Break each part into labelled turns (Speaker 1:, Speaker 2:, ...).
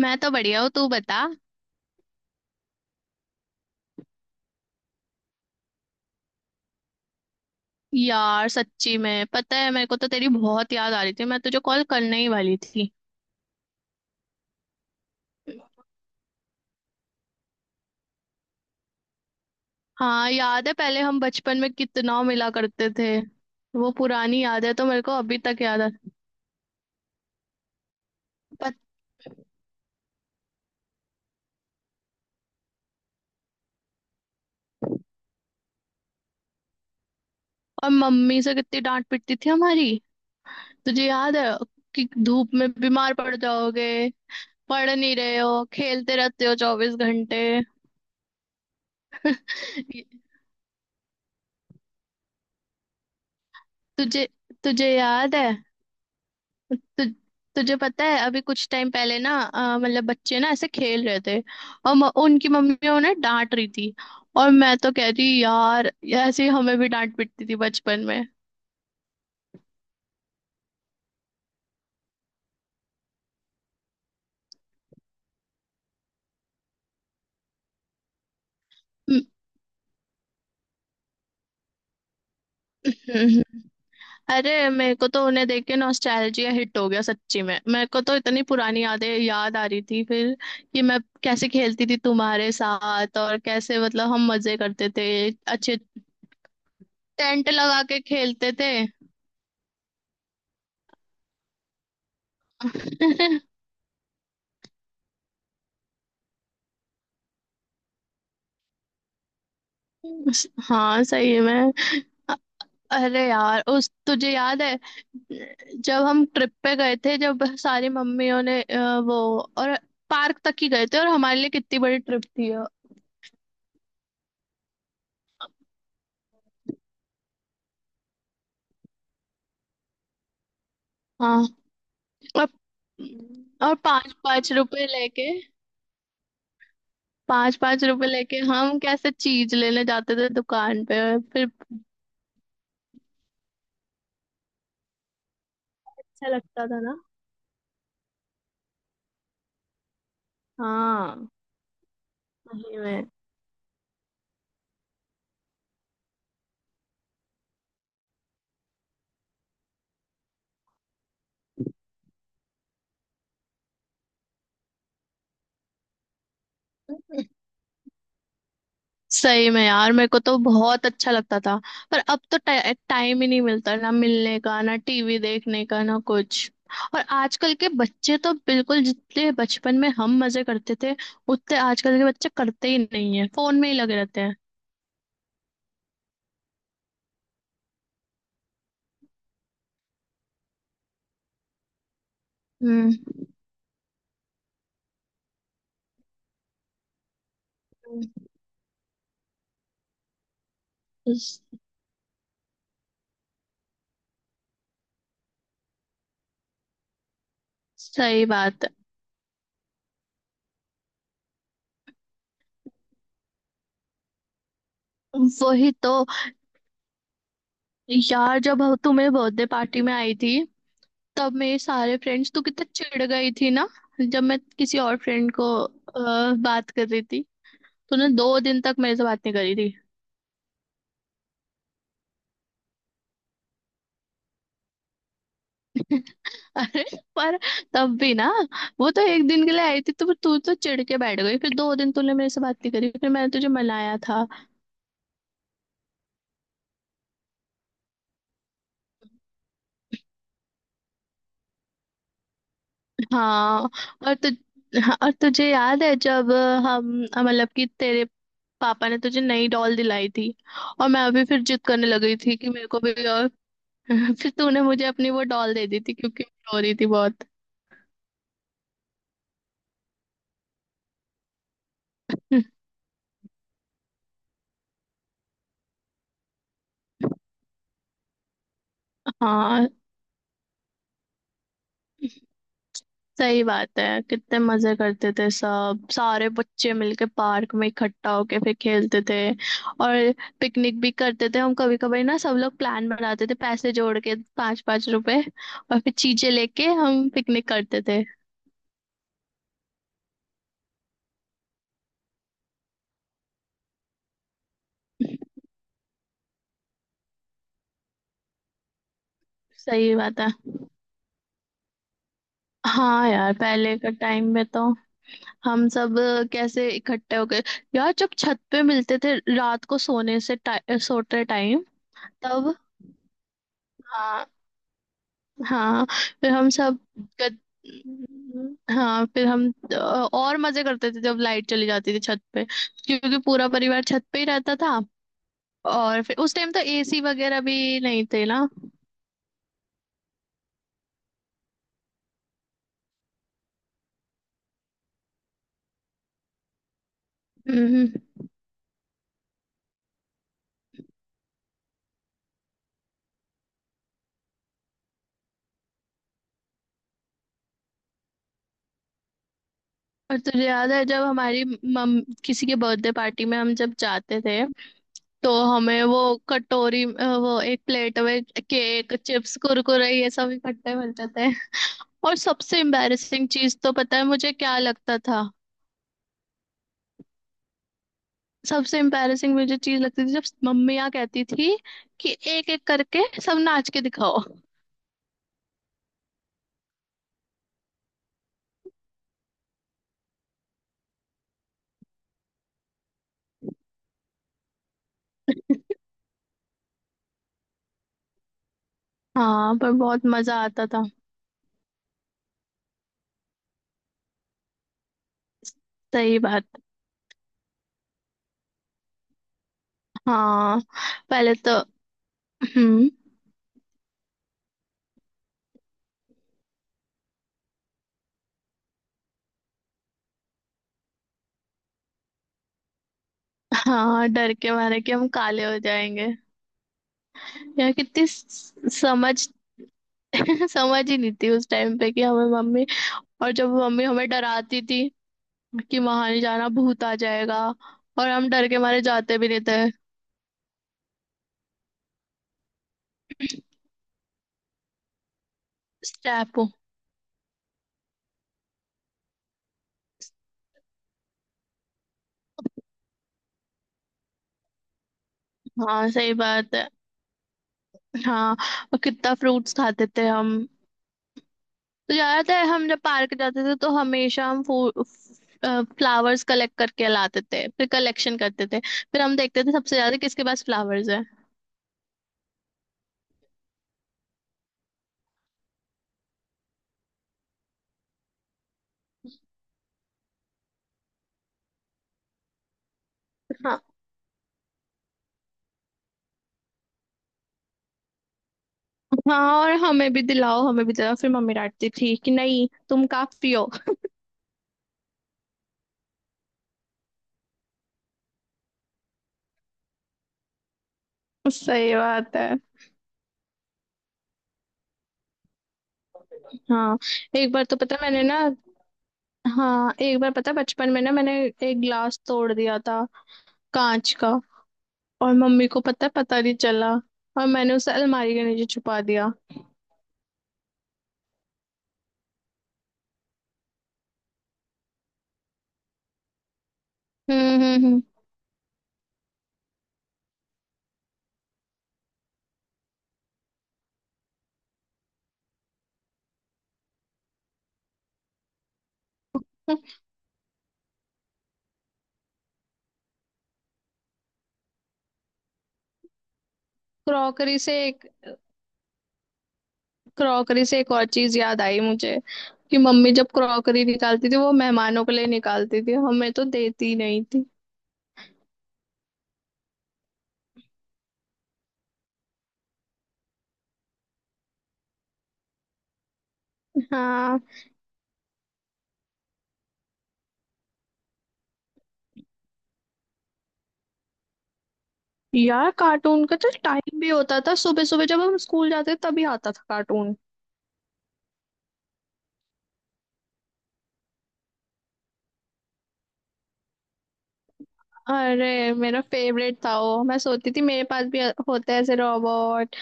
Speaker 1: मैं तो बढ़िया हूँ। तू बता। यार, सच्ची में पता है, मेरे को तो तेरी बहुत याद आ रही थी, मैं तुझे कॉल करने ही वाली थी। हाँ, याद है, पहले हम बचपन में कितना मिला करते थे। वो पुरानी याद है तो मेरे को अभी तक याद है। पर। और मम्मी से कितनी डांट पिटती थी हमारी। तुझे याद है? कि धूप में बीमार पड़ जाओगे, पढ़ नहीं रहे हो, खेलते रहते हो 24 घंटे। तुझे तुझे याद है। तु, तुझे पता है, अभी कुछ टाइम पहले ना, मतलब बच्चे ना ऐसे खेल रहे थे, और उनकी मम्मी उन्हें डांट रही थी, और मैं तो कह रही यार, ऐसे ही हमें भी डांट पिटती थी बचपन में। हम्म, हम्म, हम्म। अरे, मेरे को तो उन्हें देख के नॉस्टैल्जिया हिट हो गया। सच्ची में मेरे को तो इतनी पुरानी यादें याद आ रही थी फिर, कि मैं कैसे खेलती थी तुम्हारे साथ और कैसे, मतलब, हम मजे करते थे। अच्छे। टेंट लगा के खेलते थे। हाँ, सही में। अरे यार, उस तुझे याद है जब हम ट्रिप पे गए थे, जब सारी मम्मियों ने अ, वो और पार्क तक ही गए थे, और हमारे लिए कितनी बड़ी ट्रिप थी वो। हाँ। और और 5-5 रुपए लेके, 5-5 रुपए लेके हम कैसे चीज लेने जाते थे दुकान पे फिर। अच्छा लगता था ना? हाँ। वही में, सही में यार, मेरे को तो बहुत अच्छा लगता था। पर अब तो टाइम ही नहीं मिलता, ना मिलने का, ना टीवी देखने का, ना कुछ। और आजकल के बच्चे तो बिल्कुल, जितने बचपन में हम मजे करते थे उतने आजकल के बच्चे करते ही नहीं है, फोन में ही लगे रहते हैं। हम्म। स- सही बात है। वही तो। यार, जब तू मेरे बर्थडे पार्टी में आई थी, तब मेरे सारे फ्रेंड्स, तू कितने चिढ़ गई थी ना, जब मैं किसी और फ्रेंड को बात कर रही थी। तूने दो दिन तक मेरे से बात नहीं करी थी। अरे, पर तब भी ना, वो तो एक दिन के लिए आई थी, तो तू तो चिढ़ के बैठ गई, फिर 2 दिन तूने मेरे से बात नहीं करी, फिर मैंने तुझे मनाया था। हाँ। और तु, हाँ, और तुझे याद है जब हम, मतलब कि तेरे पापा ने तुझे नई डॉल दिलाई थी, और मैं अभी फिर जिद करने लग गई थी कि मेरे को भी? और फिर तूने मुझे अपनी वो डॉल दे दी थी क्योंकि मैं रो रही थी बहुत। हाँ, सही बात है, कितने मजे करते थे, सब सारे बच्चे मिलके पार्क में इकट्ठा होके फिर खेलते थे। और पिकनिक भी करते थे हम कभी कभी ना, सब लोग प्लान बनाते थे, पैसे जोड़ के 5-5 रुपए, और फिर चीजें लेके हम पिकनिक करते थे। सही बात है। हाँ यार, पहले का टाइम में तो, हम सब कैसे इकट्ठे हो गए, यार, जब छत पे मिलते थे रात को सोने से सोते टाइम। तब। हाँ। हाँ फिर हम सब गद... हाँ फिर हम अ, और मजे करते थे जब लाइट चली जाती थी छत पे, क्योंकि पूरा परिवार छत पे ही रहता था। और फिर उस टाइम तो एसी वगैरह भी नहीं थे ना। हम्म। और तुझे याद है जब हमारी मम किसी के बर्थडे पार्टी में हम जब जाते थे, तो हमें वो कटोरी, वो एक प्लेट में केक, चिप्स, कुरकुरे ये सब इकट्ठे मिलते थे। और सबसे एम्बैरेसिंग चीज तो पता है मुझे क्या लगता था? सबसे एम्बैरेसिंग मुझे चीज लगती थी जब मम्मियाँ कहती थी कि एक एक करके सब नाच के दिखाओ। हाँ। पर बहुत मजा आता था। सही बात। हाँ, पहले तो। हम्म। हाँ, डर के मारे कि हम काले हो जाएंगे। यार कितनी समझ, समझ ही नहीं थी उस टाइम पे, कि हमें, मम्मी। और जब मम्मी हमें डराती थी कि वहां नहीं जाना, भूत आ जाएगा, और हम डर के मारे जाते भी नहीं थे। स्टेप। हाँ, सही बात है। हाँ। और कितना फ्रूट्स खाते थे हम। तो याद है, हम जब पार्क जाते थे तो हमेशा हम फ्लावर्स कलेक्ट करके लाते थे, फिर कलेक्शन करते थे, फिर हम देखते थे सबसे ज्यादा किसके पास फ्लावर्स है। हाँ। हाँ, और हमें भी दिलाओ, हमें भी दिलाओ, फिर मम्मी डांटती थी कि नहीं, तुम काफी हो। सही बात है। हाँ एक बार तो पता है, मैंने ना हाँ, एक बार पता है, बचपन में ना मैंने एक ग्लास तोड़ दिया था, कांच का, और मम्मी को पता पता नहीं चला, और मैंने उसे अलमारी के नीचे छुपा दिया। हम्म, हम्म, हम्म। क्रॉकरी से एक क्रॉकरी से एक और चीज याद आई मुझे, कि मम्मी जब क्रॉकरी निकालती थी वो मेहमानों के लिए निकालती थी, हमें तो देती नहीं थी। हाँ यार, कार्टून का तो टाइम भी होता था, सुबह सुबह जब हम स्कूल जाते थे तभी आता था कार्टून। अरे, मेरा फेवरेट था वो, मैं सोचती थी मेरे पास भी होता है ऐसे रोबोट,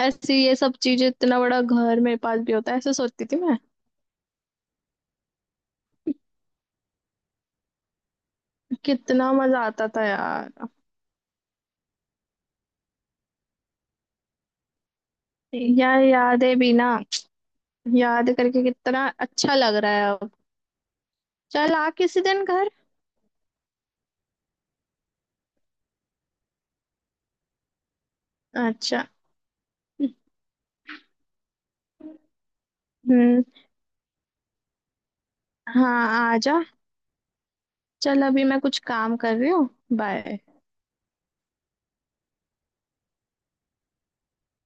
Speaker 1: ऐसी ये सब चीजें, इतना बड़ा घर मेरे पास भी होता है, ऐसे सोचती थी मैं। कितना मजा आता था यार। यार, यादें भी ना, याद करके कितना अच्छा लग रहा है अब। चल, आ किसी दिन घर। अच्छा। हम्म। हाँ, आ जा। चल, अभी मैं कुछ काम कर रही हूँ। बाय।